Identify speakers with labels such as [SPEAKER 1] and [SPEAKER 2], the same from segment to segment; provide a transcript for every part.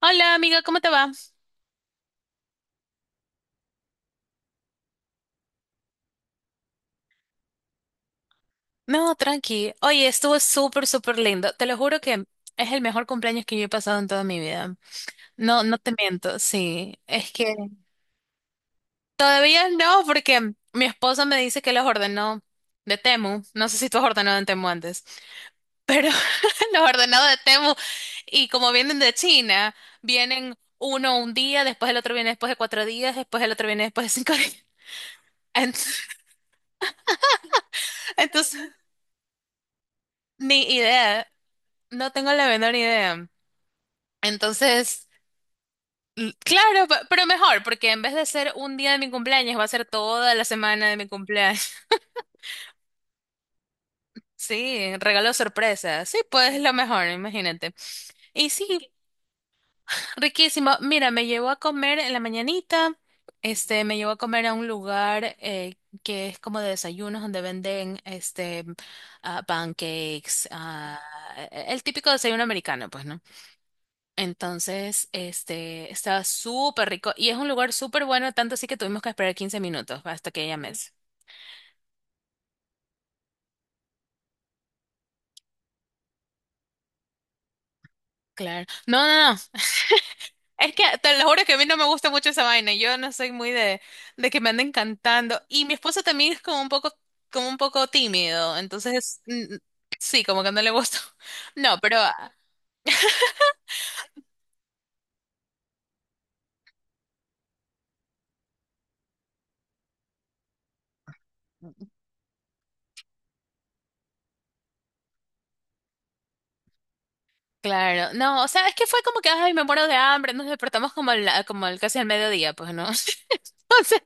[SPEAKER 1] Hola amiga, ¿cómo te va? No, tranqui. Oye, estuvo súper, súper lindo. Te lo juro que es el mejor cumpleaños que yo he pasado en toda mi vida. No, no te miento, sí. Es que todavía no, porque mi esposa me dice que los ordenó de Temu. No sé si tú has ordenado en Temu antes, pero los ordenó de Temu. Y como vienen de China, vienen uno un día, después el otro viene después de 4 días, después el otro viene después de 5 días. Entonces, ni idea. No tengo la menor idea. Entonces, claro, pero mejor, porque en vez de ser un día de mi cumpleaños, va a ser toda la semana de mi cumpleaños. Sí, regalo sorpresa. Sí, pues lo mejor, imagínate. Y sí, riquísimo. Mira, me llevó a comer en la mañanita. Este, me llevó a comer a un lugar que es como de desayunos donde venden este pancakes, e, el típico desayuno americano, pues, ¿no? Entonces, este, estaba súper rico y es un lugar súper bueno, tanto así que tuvimos que esperar 15 minutos hasta que ella me... Claro. No, no, no. Es que te lo juro que a mí no me gusta mucho esa vaina. Yo no soy muy de que me anden cantando. Y mi esposo también es como un poco tímido. Entonces, sí, como que no le gusta. No, pero claro, no, o sea, es que fue como que, ay, me muero de hambre, nos despertamos como, casi al mediodía, pues, ¿no? Entonces,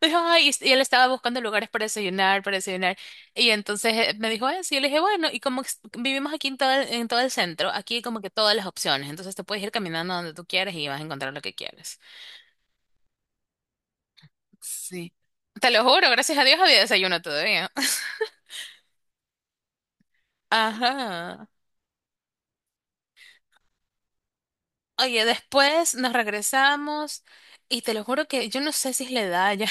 [SPEAKER 1] me dijo, ay, y él estaba buscando lugares para desayunar, y entonces me dijo eso, y yo le dije, bueno, y vivimos aquí en todo el centro, aquí hay como que todas las opciones, entonces te puedes ir caminando donde tú quieras y vas a encontrar lo que quieres. Sí. Te lo juro, gracias a Dios había desayuno todavía. Ajá. Oye, después nos regresamos y te lo juro que yo no sé si es la edad ya.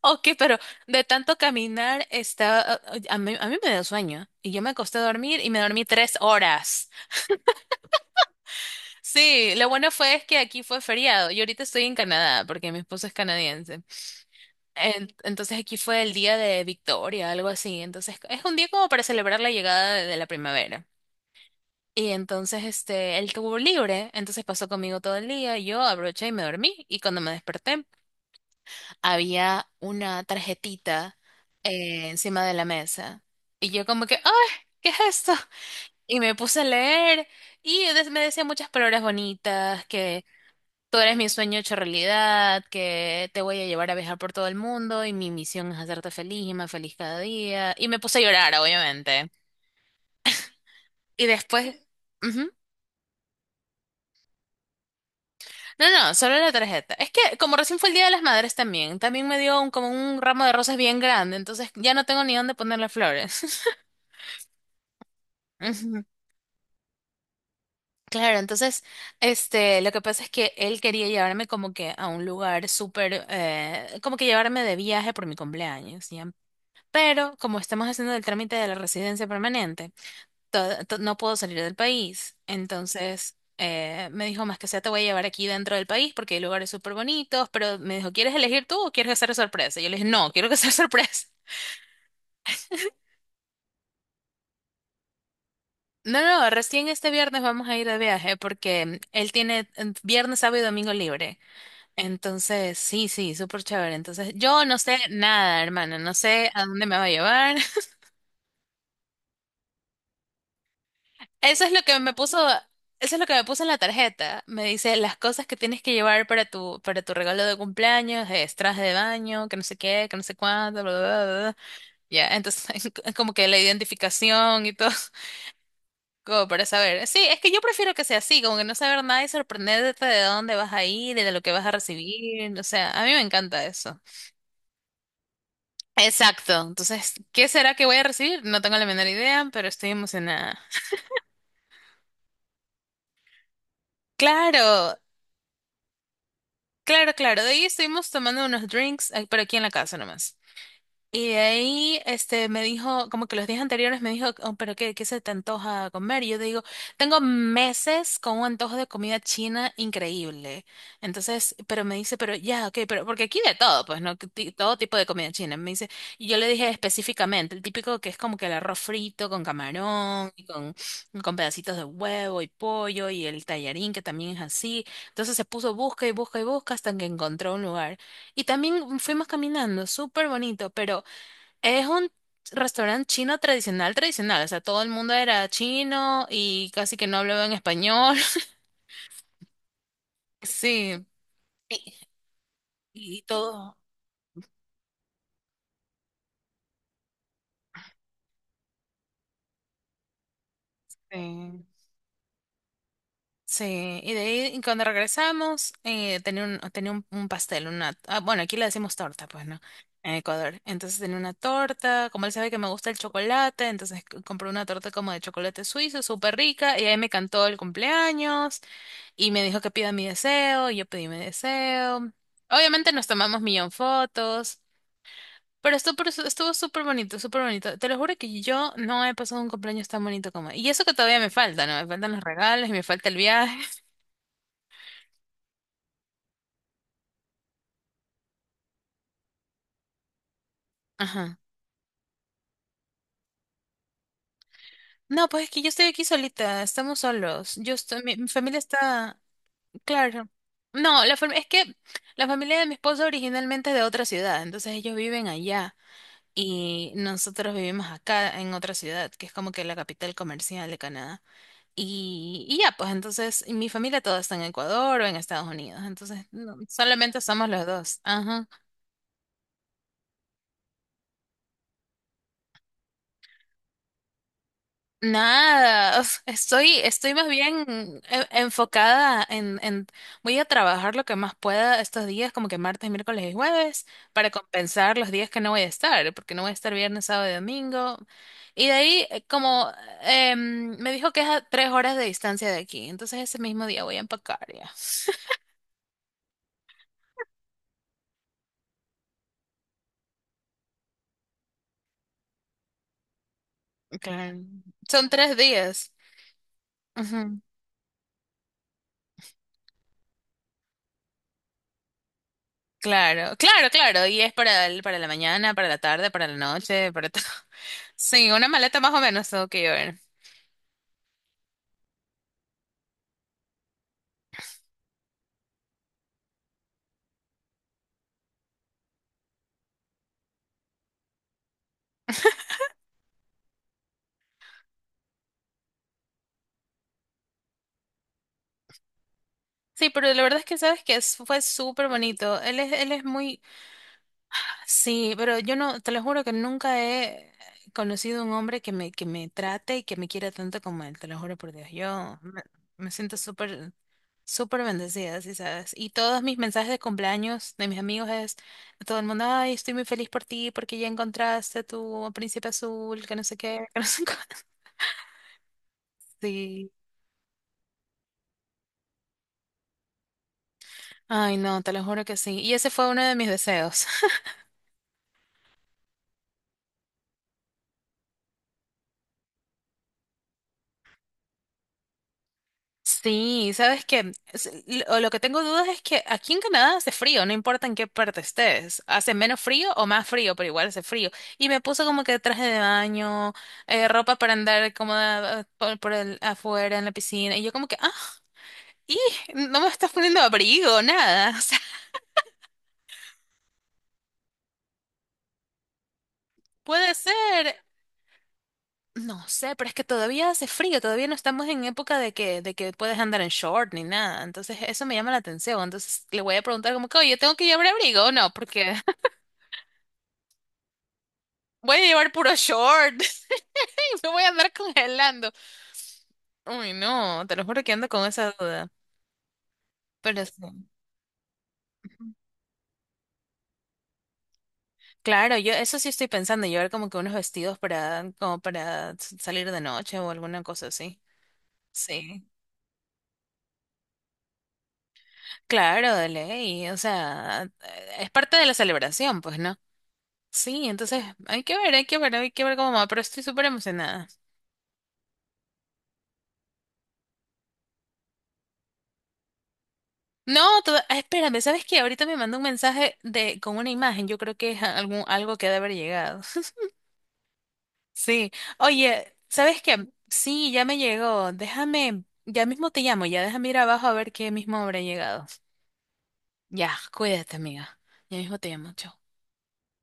[SPEAKER 1] Ok, pero de tanto caminar está, a mí me dio sueño y yo me acosté a dormir y me dormí 3 horas. Sí, lo bueno fue es que aquí fue feriado y ahorita estoy en Canadá porque mi esposo es canadiense. Entonces aquí fue el día de Victoria, algo así. Entonces es un día como para celebrar la llegada de la primavera. Y entonces este, él tuvo libre, entonces pasó conmigo todo el día, yo abroché y me dormí y cuando me desperté había una tarjetita encima de la mesa. Y yo como que, ¡ay! ¿Qué es esto? Y me puse a leer y me decía muchas palabras bonitas, que tú eres mi sueño hecho realidad, que te voy a llevar a viajar por todo el mundo y mi misión es hacerte feliz y más feliz cada día. Y me puse a llorar, obviamente. Y después... ujú. No, no, solo la tarjeta. Es que como recién fue el Día de las Madres también, también me dio como un ramo de rosas bien grande, entonces ya no tengo ni dónde ponerle flores. Claro, entonces, este, lo que pasa es que él quería llevarme como que a un lugar súper, como que llevarme de viaje por mi cumpleaños, ¿ya? Pero como estamos haciendo el trámite de la residencia permanente, no puedo salir del país. Entonces, me dijo, más que sea, te voy a llevar aquí dentro del país porque hay lugares súper bonitos, pero me dijo, ¿quieres elegir tú o quieres que sea sorpresa? Y yo le dije, no, quiero que sea sorpresa. No, no, recién este viernes vamos a ir de viaje porque él tiene viernes, sábado y domingo libre. Entonces, sí, sí, súper chévere. Entonces, yo no sé nada, hermana, no sé a dónde me va a llevar. Eso es lo que me puso, eso es lo que me puso en la tarjeta. Me dice las cosas que tienes que llevar para tu regalo de cumpleaños, es traje de baño, que no sé qué, que no sé cuánto, bla, bla, bla, bla. Ya, entonces, como que la identificación y todo, como para saber. Sí, es que yo prefiero que sea así, como que no saber nada y sorprenderte de dónde vas a ir y de lo que vas a recibir. O sea, a mí me encanta eso. Exacto. Entonces, ¿qué será que voy a recibir? No tengo la menor idea, pero estoy emocionada. Claro, claro, claro. De ahí estuvimos tomando unos drinks, ah, pero aquí en la casa nomás. Y de ahí este, me dijo, como que los días anteriores me dijo, "Oh, pero qué, ¿qué se te antoja comer?" Y yo digo, tengo meses con un antojo de comida china increíble. Entonces, pero me dice, pero ya, ok, pero porque aquí de todo, pues, ¿no? Que todo tipo de comida china. Me dice, y yo le dije específicamente, el típico que es como que el arroz frito con camarón y con pedacitos de huevo y pollo y el tallarín que también es así. Entonces se puso busca y busca y busca hasta que encontró un lugar. Y también fuimos caminando, súper bonito, pero es un restaurante chino tradicional, tradicional. O sea, todo el mundo era chino y casi que no hablaba en español. Sí. Y, y todo. eh, sí. Y de ahí y cuando regresamos, un pastel, una... Ah, bueno, aquí le decimos torta, pues, ¿no? En Ecuador. Entonces tenía una torta. Como él sabe que me gusta el chocolate, entonces compró una torta como de chocolate suizo, súper rica. Y ahí me cantó el cumpleaños. Y me dijo que pida mi deseo, y yo pedí mi deseo. Obviamente nos tomamos millón fotos, pero estuvo, estuvo súper bonito, súper bonito. Te lo juro que yo no he pasado un cumpleaños tan bonito como... Y eso que todavía me falta, ¿no? Me faltan los regalos y me falta el viaje. Ajá. No, pues es que yo estoy aquí solita, estamos solos. Yo estoy, mi familia está, claro. No, es que la familia de mi esposo originalmente es de otra ciudad, entonces ellos viven allá. Y, nosotros vivimos acá en otra ciudad, que es como que la capital comercial de Canadá. Y ya, pues entonces, y mi familia toda está en Ecuador o en Estados Unidos. Entonces, no, solamente somos los dos. Ajá. Nada, o sea, estoy, estoy más bien enfocada voy a trabajar lo que más pueda estos días, como que martes, miércoles y jueves, para compensar los días que no voy a estar, porque no voy a estar viernes, sábado y domingo. Y de ahí, como me dijo que es a 3 horas de distancia de aquí, entonces ese mismo día voy a empacar ya. Claro. Son 3 días. Claro, claro, claro. Y es para el, para la mañana, para la tarde, para la noche, para todo. Sí, una maleta más o menos tengo que llevar. Sí, pero la verdad es que sabes que fue súper bonito. Él es muy... Sí, pero yo no, te lo juro que nunca he conocido un hombre que me trate y que me quiera tanto como él, te lo juro por Dios. Me siento súper, súper bendecida, sí, sabes. Y todos mis mensajes de cumpleaños de mis amigos es a todo el mundo, ay, estoy muy feliz por ti porque ya encontraste tu príncipe azul, que no sé qué, que no sé cuánto. Sí. Ay, no, te lo juro que sí. Y ese fue uno de mis deseos. Sí, sabes que lo que tengo dudas es que aquí en Canadá hace frío, no importa en qué parte estés, hace menos frío o más frío, pero igual hace frío. Y me puse como que traje de baño, ropa para andar cómoda por el afuera en la piscina, y yo como que, ah, y no me estás poniendo abrigo, nada, o sea, puede ser, no sé, pero es que todavía hace frío, todavía no estamos en época de que puedes andar en short ni nada, entonces eso me llama la atención, entonces le voy a preguntar como que, oye, ¿tengo que llevar abrigo o no? Porque voy a llevar puro short. Sí, me voy a andar congelando. Uy, no, te lo juro que ando con esa duda. Pero sí. Claro, yo eso sí estoy pensando, llevar como que unos vestidos para, como para salir de noche o alguna cosa así. Sí. Claro, de ley. O sea, es parte de la celebración, pues, ¿no? Sí, entonces hay que ver, hay que ver, hay que ver cómo va, pero estoy súper emocionada. No, ah, espérame, ¿sabes qué? Ahorita me mandó un mensaje de con una imagen, yo creo que es algún algo que ha de haber llegado. Sí, oye, ¿sabes qué? Sí, ya me llegó. Déjame, ya mismo te llamo, ya déjame ir abajo a ver qué mismo habrá llegado. Ya, cuídate, amiga. Ya mismo te llamo. Chao.